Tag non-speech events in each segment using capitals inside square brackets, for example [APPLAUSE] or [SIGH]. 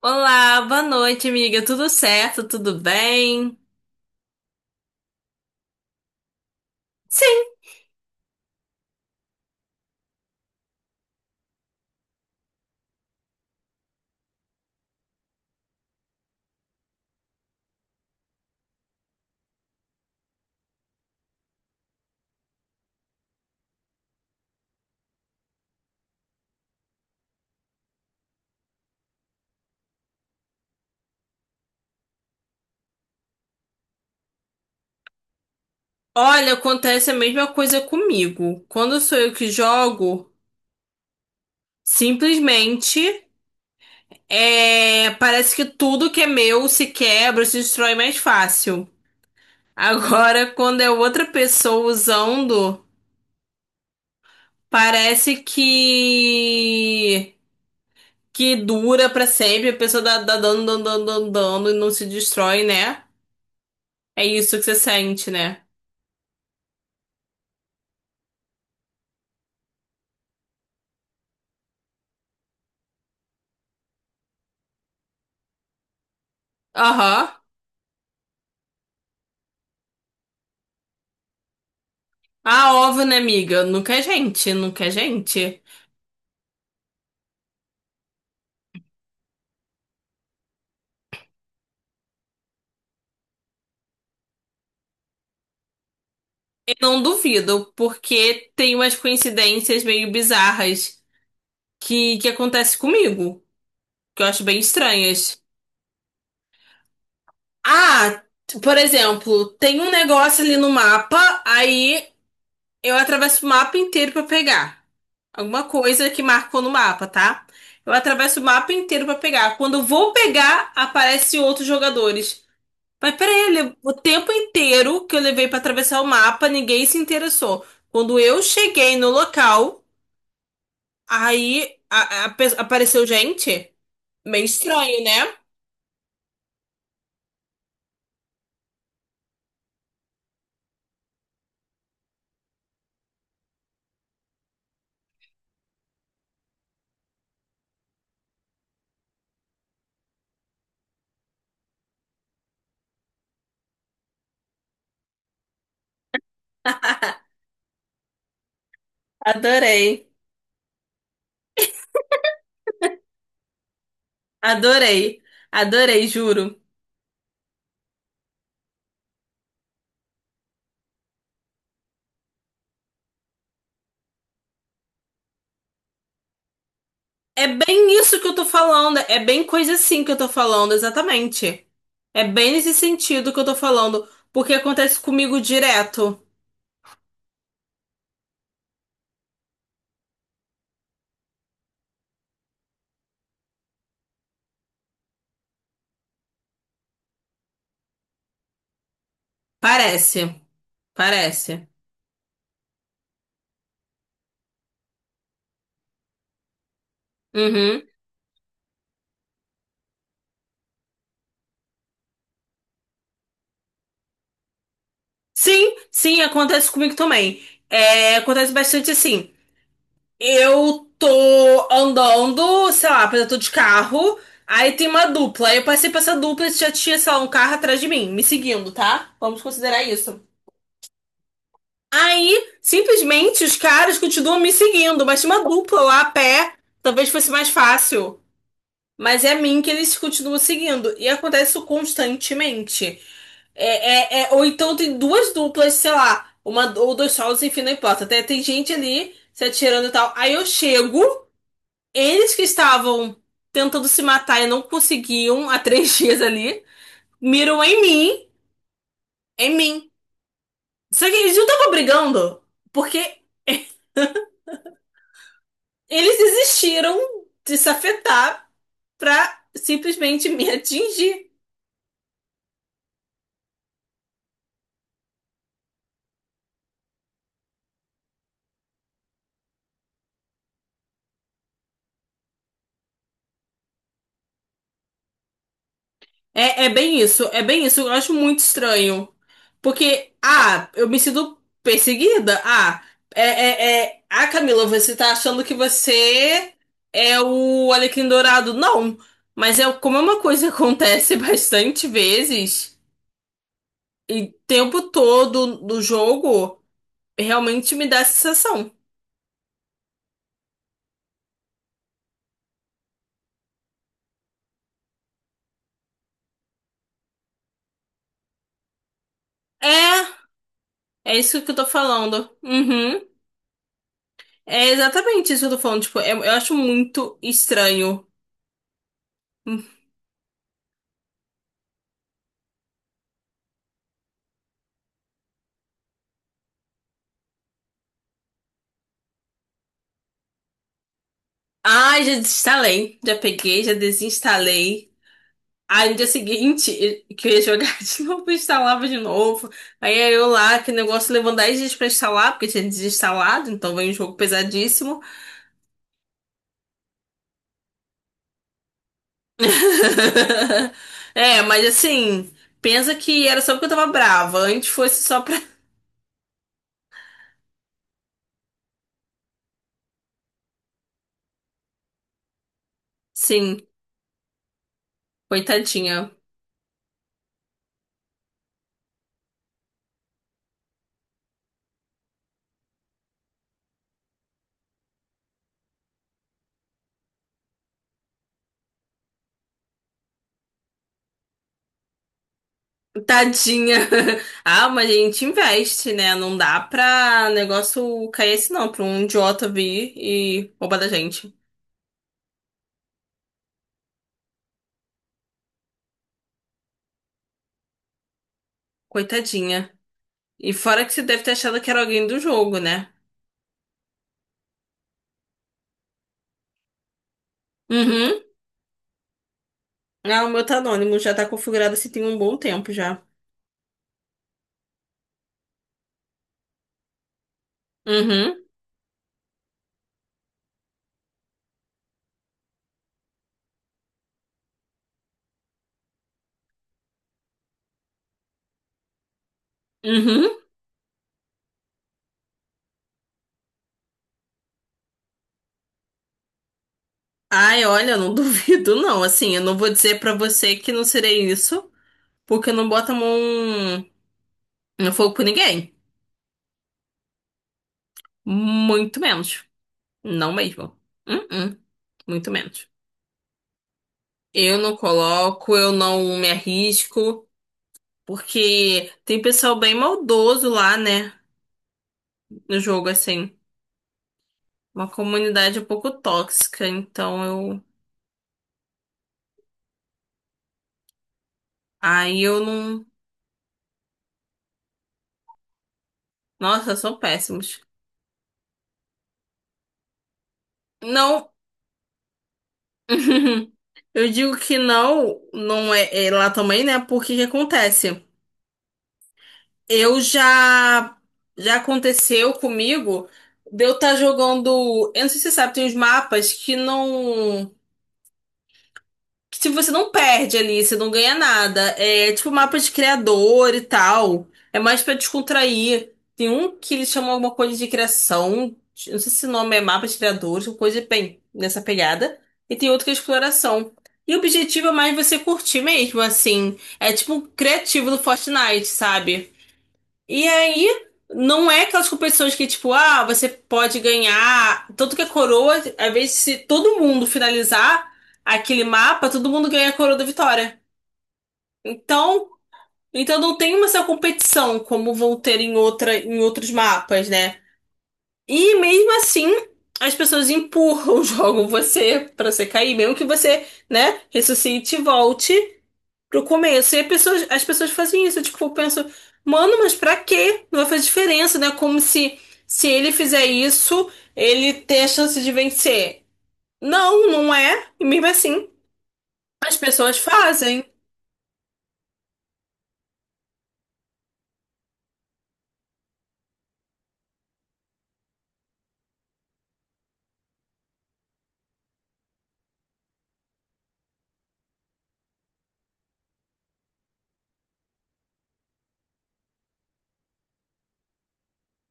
Olá, boa noite, amiga. Tudo certo? Tudo bem? Sim. Olha, acontece a mesma coisa comigo. Quando sou eu que jogo, simplesmente parece que tudo que é meu se quebra, se destrói mais fácil. Agora, quando é outra pessoa usando, parece que dura pra sempre. A pessoa dá, dá dando, dando, dando, dando e não se destrói, né? É isso que você sente, né? Aham. Ah, óbvio, né, amiga? Nunca é gente, nunca é gente. Eu não duvido, porque tem umas coincidências meio bizarras que acontecem comigo, que eu acho bem estranhas. Ah, por exemplo, tem um negócio ali no mapa, aí eu atravesso o mapa inteiro pra pegar. Alguma coisa que marcou no mapa, tá? Eu atravesso o mapa inteiro pra pegar. Quando eu vou pegar, aparecem outros jogadores. Mas peraí, o tempo inteiro que eu levei pra atravessar o mapa, ninguém se interessou. Quando eu cheguei no local, aí a pe- apareceu gente. Meio estranho, né? [LAUGHS] Adorei, adorei, adorei, juro. É bem isso que eu tô falando, é bem coisa assim que eu tô falando, exatamente. É bem nesse sentido que eu tô falando, porque acontece comigo direto. Parece, parece. Uhum. Sim, sim, acontece comigo também. É, acontece bastante assim. Eu tô andando, sei lá, por exemplo, eu tô de carro, aí tem uma dupla. Aí eu passei pra essa dupla e já tinha, sei lá, um carro atrás de mim, me seguindo, tá? Vamos considerar isso. Aí, simplesmente, os caras continuam me seguindo, mas tinha uma dupla lá a pé. Talvez fosse mais fácil. Mas é a mim que eles continuam seguindo. E acontece isso constantemente. Ou então tem duas duplas, sei lá, uma ou dois solos, enfim, não importa. Tem gente ali se atirando e tal. Aí eu chego, eles que estavam tentando se matar e não conseguiam há [LAUGHS] 3 dias ali, miram em mim, em mim. Só que eles não estavam brigando, porque eles desistiram de se afetar pra simplesmente me atingir. É, é bem isso, é bem isso. Eu acho muito estranho. Porque, ah, eu me sinto perseguida. Ah, Camila, você tá achando que você é o Alecrim Dourado. Não, mas é como é uma coisa que acontece [LAUGHS] bastante vezes, e o tempo todo do jogo, realmente me dá essa sensação. É, é isso que eu tô falando. Uhum. É exatamente isso que eu tô falando. Tipo, eu acho muito estranho. Ai, já desinstalei. Já peguei, já desinstalei. Aí no dia seguinte, [LAUGHS] que eu ia jogar [LAUGHS] de novo, eu instalava de novo. Aí eu lá, que negócio levou 10 dias pra instalar, porque tinha desinstalado, então veio um jogo pesadíssimo. [LAUGHS] É, mas assim, pensa que era só porque eu tava brava. Antes fosse só pra. [LAUGHS] Sim, coitadinha. Tadinha. [LAUGHS] Ah, mas a gente investe, né? Não dá pra negócio cair assim, não, pra um idiota vir e roubar da gente. Coitadinha. E fora que você deve ter achado que era alguém do jogo, né? Uhum. Ah, o meu tá anônimo, já tá configurado assim tem um bom tempo já. Uhum. Uhum. Ai, olha, eu não [LAUGHS] duvido, não. Assim, eu não vou dizer pra você que não serei isso, porque eu não boto a mão no fogo por ninguém. Muito menos. Não mesmo. Uhum. Muito menos. Eu não coloco, eu não me arrisco, porque tem pessoal bem maldoso lá, né? No jogo, assim. Uma comunidade um pouco tóxica, então eu. Aí eu não. Nossa, são péssimos. Não. [LAUGHS] Eu digo que não, não é, é lá também, né? Porque que acontece? Eu já. Já aconteceu comigo de eu estar jogando. Eu não sei se você sabe, tem uns mapas que não. Que tipo, você não perde ali, você não ganha nada. É tipo mapa de criador e tal. É mais pra descontrair. Tem um que eles chamam alguma coisa de criação. Eu Não sei se o nome é mapa de criadores, alguma coisa bem nessa pegada. E tem outro que é exploração. E o objetivo é mais você curtir mesmo, assim. É tipo um criativo do Fortnite, sabe? E aí, não é aquelas competições que, tipo, ah, você pode ganhar. Tanto que a coroa, às vezes, se todo mundo finalizar aquele mapa, todo mundo ganha a coroa da vitória. Então, então não tem uma essa competição como vão ter em outra, em outros mapas, né? E mesmo assim, as pessoas empurram, [LAUGHS] jogam você pra você cair, mesmo que você, né, ressuscite e volte pro começo. E as pessoas fazem isso, tipo, eu penso, mano, mas pra quê? Não vai fazer diferença, né? Como se se ele fizer isso, ele tem a chance de vencer. Não, não é. E mesmo assim, as pessoas fazem.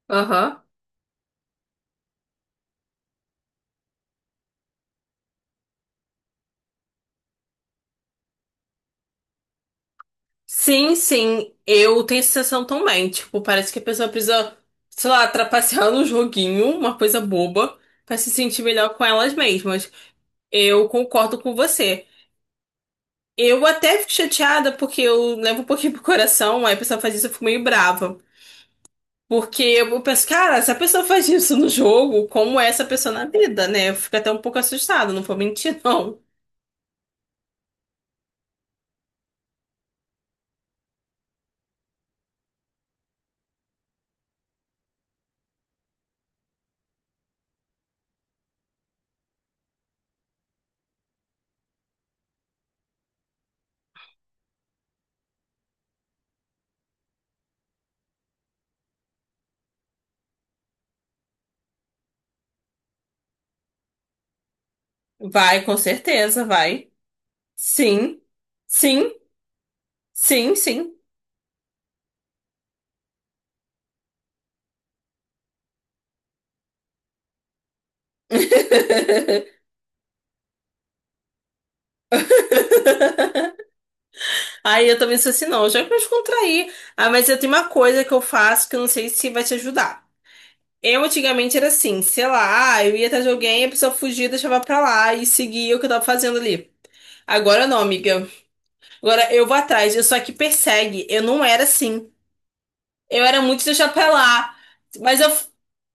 Aham. Sim, sim, eu tenho essa sensação também. Tipo, parece que a pessoa precisa, sei lá, trapacear no joguinho, uma coisa boba, pra se sentir melhor com elas mesmas. Eu concordo com você. Eu até fico chateada porque eu levo um pouquinho pro coração, aí a pessoa faz isso, eu fico meio brava. Porque eu penso, cara, se a pessoa faz isso no jogo, como é essa pessoa na vida, né? Eu fico até um pouco assustada, não vou mentir, [LAUGHS] não. Vai, com certeza, vai. Sim, sim, sim, sim. [LAUGHS] Aí eu também sou assim, não, já que eu descontrair. Ah, mas eu tenho uma coisa que eu faço que eu não sei se vai te ajudar. Eu antigamente era assim, sei lá, "Ah, eu ia atrás de alguém, a pessoa fugia, deixava pra lá e seguia o que eu tava fazendo ali. Agora não, amiga. Agora eu vou atrás, eu só que persegue. Eu não era assim. Eu era muito de deixar pra lá. Mas eu.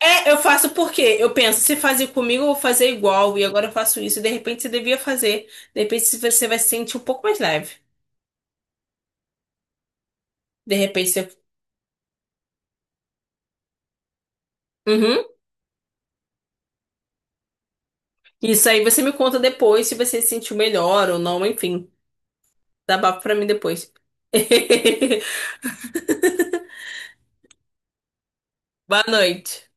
É, eu faço por quê? Eu penso, se fazer comigo, eu vou fazer igual, e agora eu faço isso. E De repente você devia fazer. De repente você vai se sentir um pouco mais leve. De repente você. Uhum. Isso aí você me conta depois se você se sentiu melhor ou não, enfim. Dá papo pra mim depois. [LAUGHS] Boa noite.